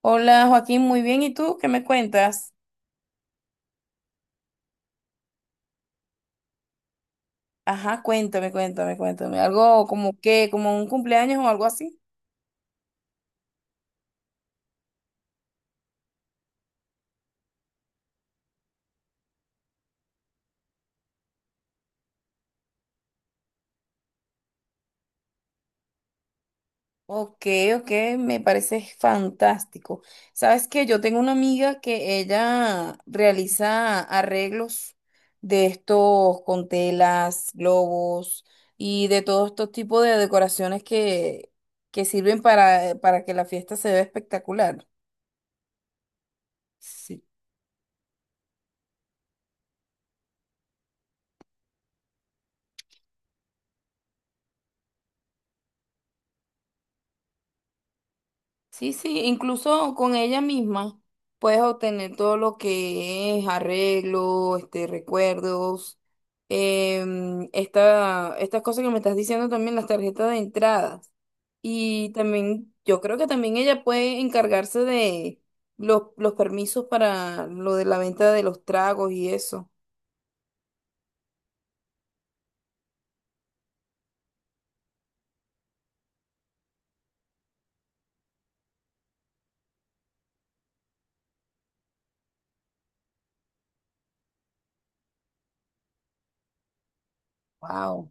Hola Joaquín, muy bien. ¿Y tú qué me cuentas? Ajá, cuéntame, cuéntame, cuéntame. ¿Algo como qué, como un cumpleaños o algo así? Ok, ok, me parece fantástico. Sabes que yo tengo una amiga que ella realiza arreglos de estos con telas, globos y de todos estos tipos de decoraciones que sirven para que la fiesta se vea espectacular. Sí. Sí, sí, incluso con ella misma puedes obtener todo lo que es arreglo, este, recuerdos, estas cosas que me estás diciendo también, las tarjetas de entradas. Y también, yo creo que también ella puede encargarse de los permisos para lo de la venta de los tragos y eso. Wow.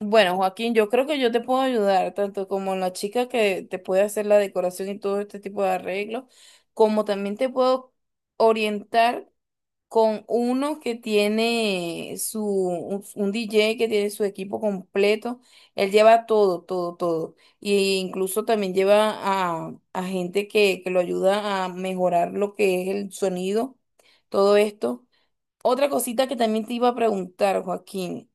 Bueno, Joaquín, yo creo que yo te puedo ayudar, tanto como la chica que te puede hacer la decoración y todo este tipo de arreglos, como también te puedo orientar con uno que tiene un DJ que tiene su equipo completo. Él lleva todo, todo, todo. Y incluso también lleva a gente que lo ayuda a mejorar lo que es el sonido, todo esto. Otra cosita que también te iba a preguntar, Joaquín.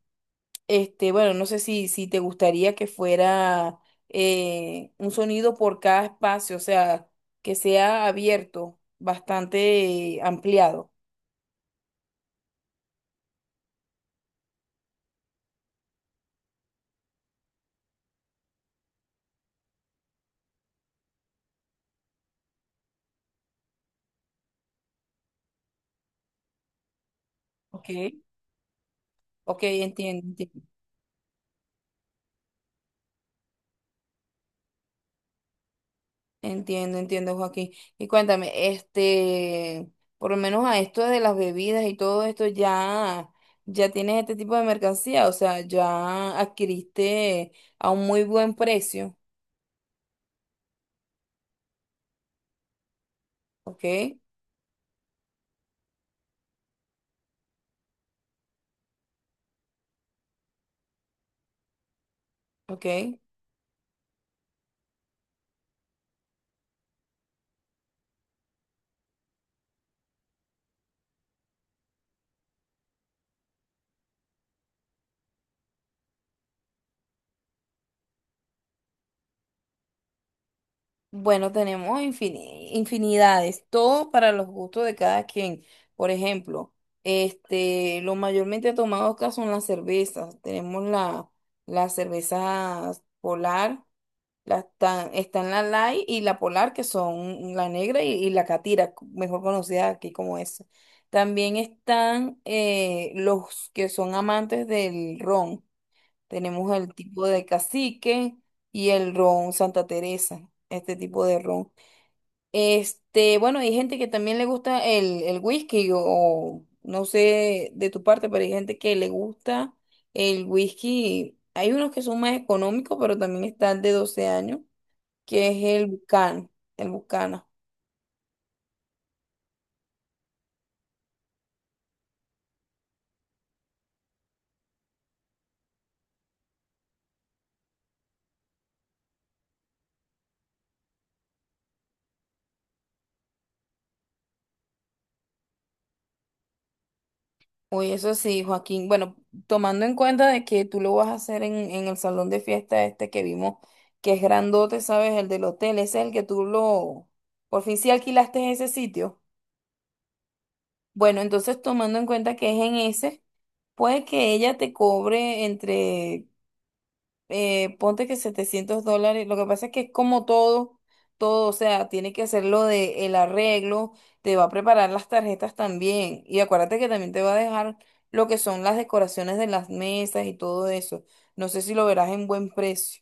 Este, bueno, no sé si te gustaría que fuera un sonido por cada espacio, o sea, que sea abierto, bastante ampliado. Ok. Ok, entiendo, entiendo, entiendo, entiendo, Joaquín. Y cuéntame, este, por lo menos a esto de las bebidas y todo esto, ya, ya tienes este tipo de mercancía, o sea, ya adquiriste a un muy buen precio, ok, ok. Bueno, tenemos infinidades, todo para los gustos de cada quien. Por ejemplo, este, lo mayormente tomado acá son las cervezas. Tenemos las cervezas polar, las están la light y la polar, que son la negra y la catira, mejor conocida aquí como esa. También están los que son amantes del ron. Tenemos el tipo de cacique y el ron Santa Teresa, este tipo de ron. Este, bueno, hay gente que también le gusta el whisky o no sé de tu parte, pero hay gente que le gusta el whisky. Hay unos que son más económicos, pero también está el de 12 años, que es el Bucana, el Bucana. Uy, eso sí, Joaquín. Bueno, tomando en cuenta de que tú lo vas a hacer en el salón de fiesta este que vimos, que es grandote, ¿sabes? El del hotel, ese es el que tú lo... Por fin sí alquilaste ese sitio. Bueno, entonces tomando en cuenta que es en ese, puede que ella te cobre entre ponte que 700 dólares, lo que pasa es que es como todo, todo, o sea, tiene que hacerlo de el arreglo, te va a preparar las tarjetas también, y acuérdate que también te va a dejar lo que son las decoraciones de las mesas y todo eso, no sé si lo verás en buen precio.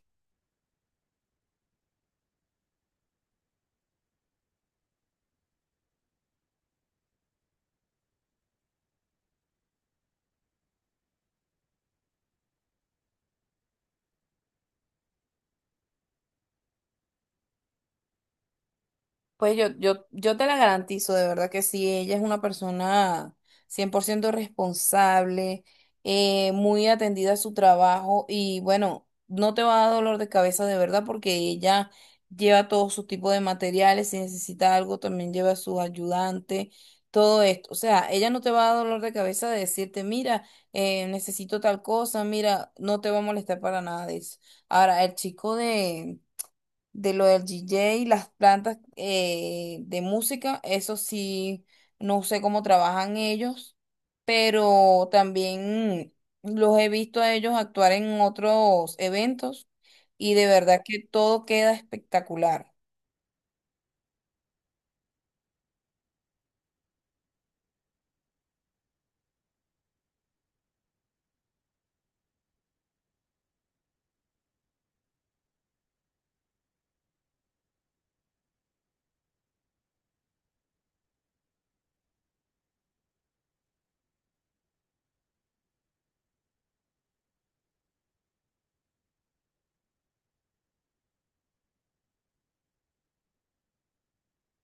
Pues yo te la garantizo, de verdad que sí, ella es una persona 100% responsable, muy atendida a su trabajo y bueno, no te va a dar dolor de cabeza de verdad porque ella lleva todos sus tipos de materiales, si necesita algo también lleva a su ayudante, todo esto. O sea, ella no te va a dar dolor de cabeza de decirte, mira, necesito tal cosa, mira, no te va a molestar para nada de eso. Ahora, el chico de lo del DJ, las plantas de música, eso sí, no sé cómo trabajan ellos, pero también los he visto a ellos actuar en otros eventos y de verdad que todo queda espectacular.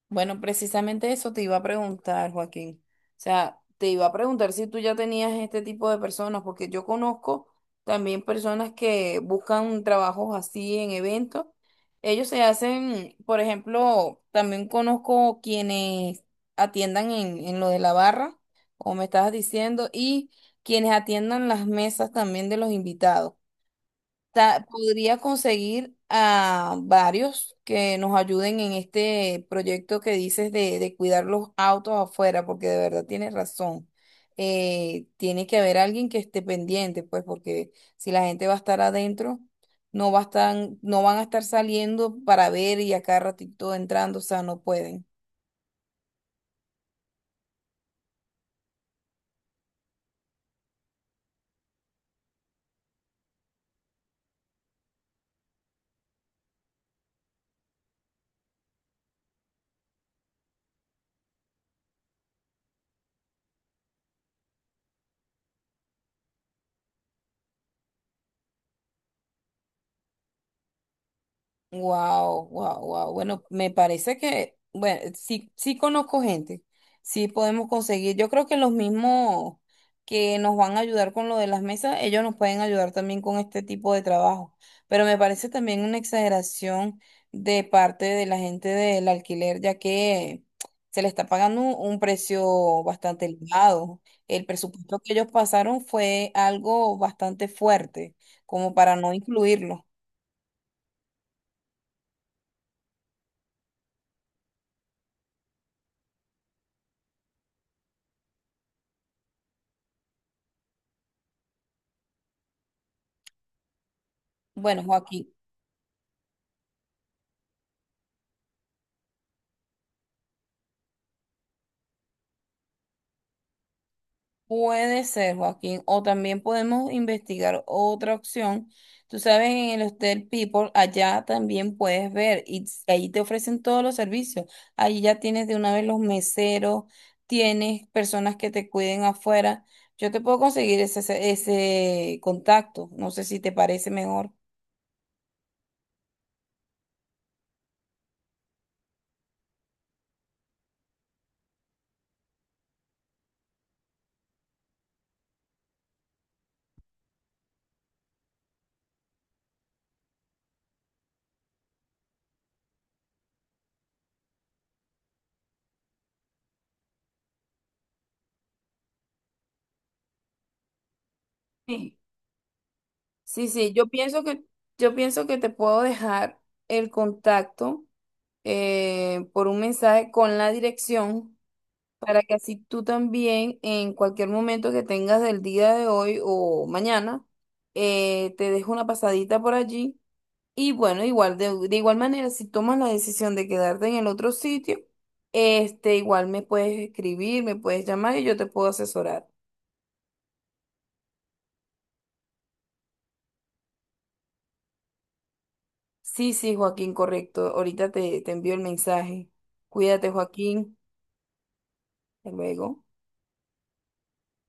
Bueno, precisamente eso te iba a preguntar, Joaquín. O sea, te iba a preguntar si tú ya tenías este tipo de personas, porque yo conozco también personas que buscan trabajos así en eventos. Ellos se hacen, por ejemplo, también conozco quienes atiendan en lo de la barra, como me estabas diciendo, y quienes atiendan las mesas también de los invitados podría conseguir a varios que nos ayuden en este proyecto que dices de cuidar los autos afuera, porque de verdad tienes razón. Tiene que haber alguien que esté pendiente, pues, porque si la gente va a estar adentro, no van a estar saliendo para ver y acá ratito entrando, o sea, no pueden. Wow, wow, wow. Bueno, me parece que, bueno, sí, sí conozco gente, sí podemos conseguir. Yo creo que los mismos que nos van a ayudar con lo de las mesas, ellos nos pueden ayudar también con este tipo de trabajo. Pero me parece también una exageración de parte de la gente del alquiler, ya que se le está pagando un precio bastante elevado. El presupuesto que ellos pasaron fue algo bastante fuerte, como para no incluirlo. Bueno, Joaquín. Puede ser, Joaquín, o también podemos investigar otra opción. Tú sabes, en el Hotel People, allá también puedes ver y ahí te ofrecen todos los servicios. Ahí ya tienes de una vez los meseros, tienes personas que te cuiden afuera. Yo te puedo conseguir ese ese contacto. No sé si te parece mejor. Sí, sí, sí, yo pienso que te puedo dejar el contacto por un mensaje con la dirección para que así tú también en cualquier momento que tengas del día de hoy o mañana, te dejo una pasadita por allí. Y bueno, igual de igual manera, si tomas la decisión de quedarte en el otro sitio, este, igual me puedes escribir, me puedes llamar y yo te puedo asesorar. Sí, sí, Joaquín, correcto. Ahorita te envío el mensaje. Cuídate, Joaquín. Hasta luego.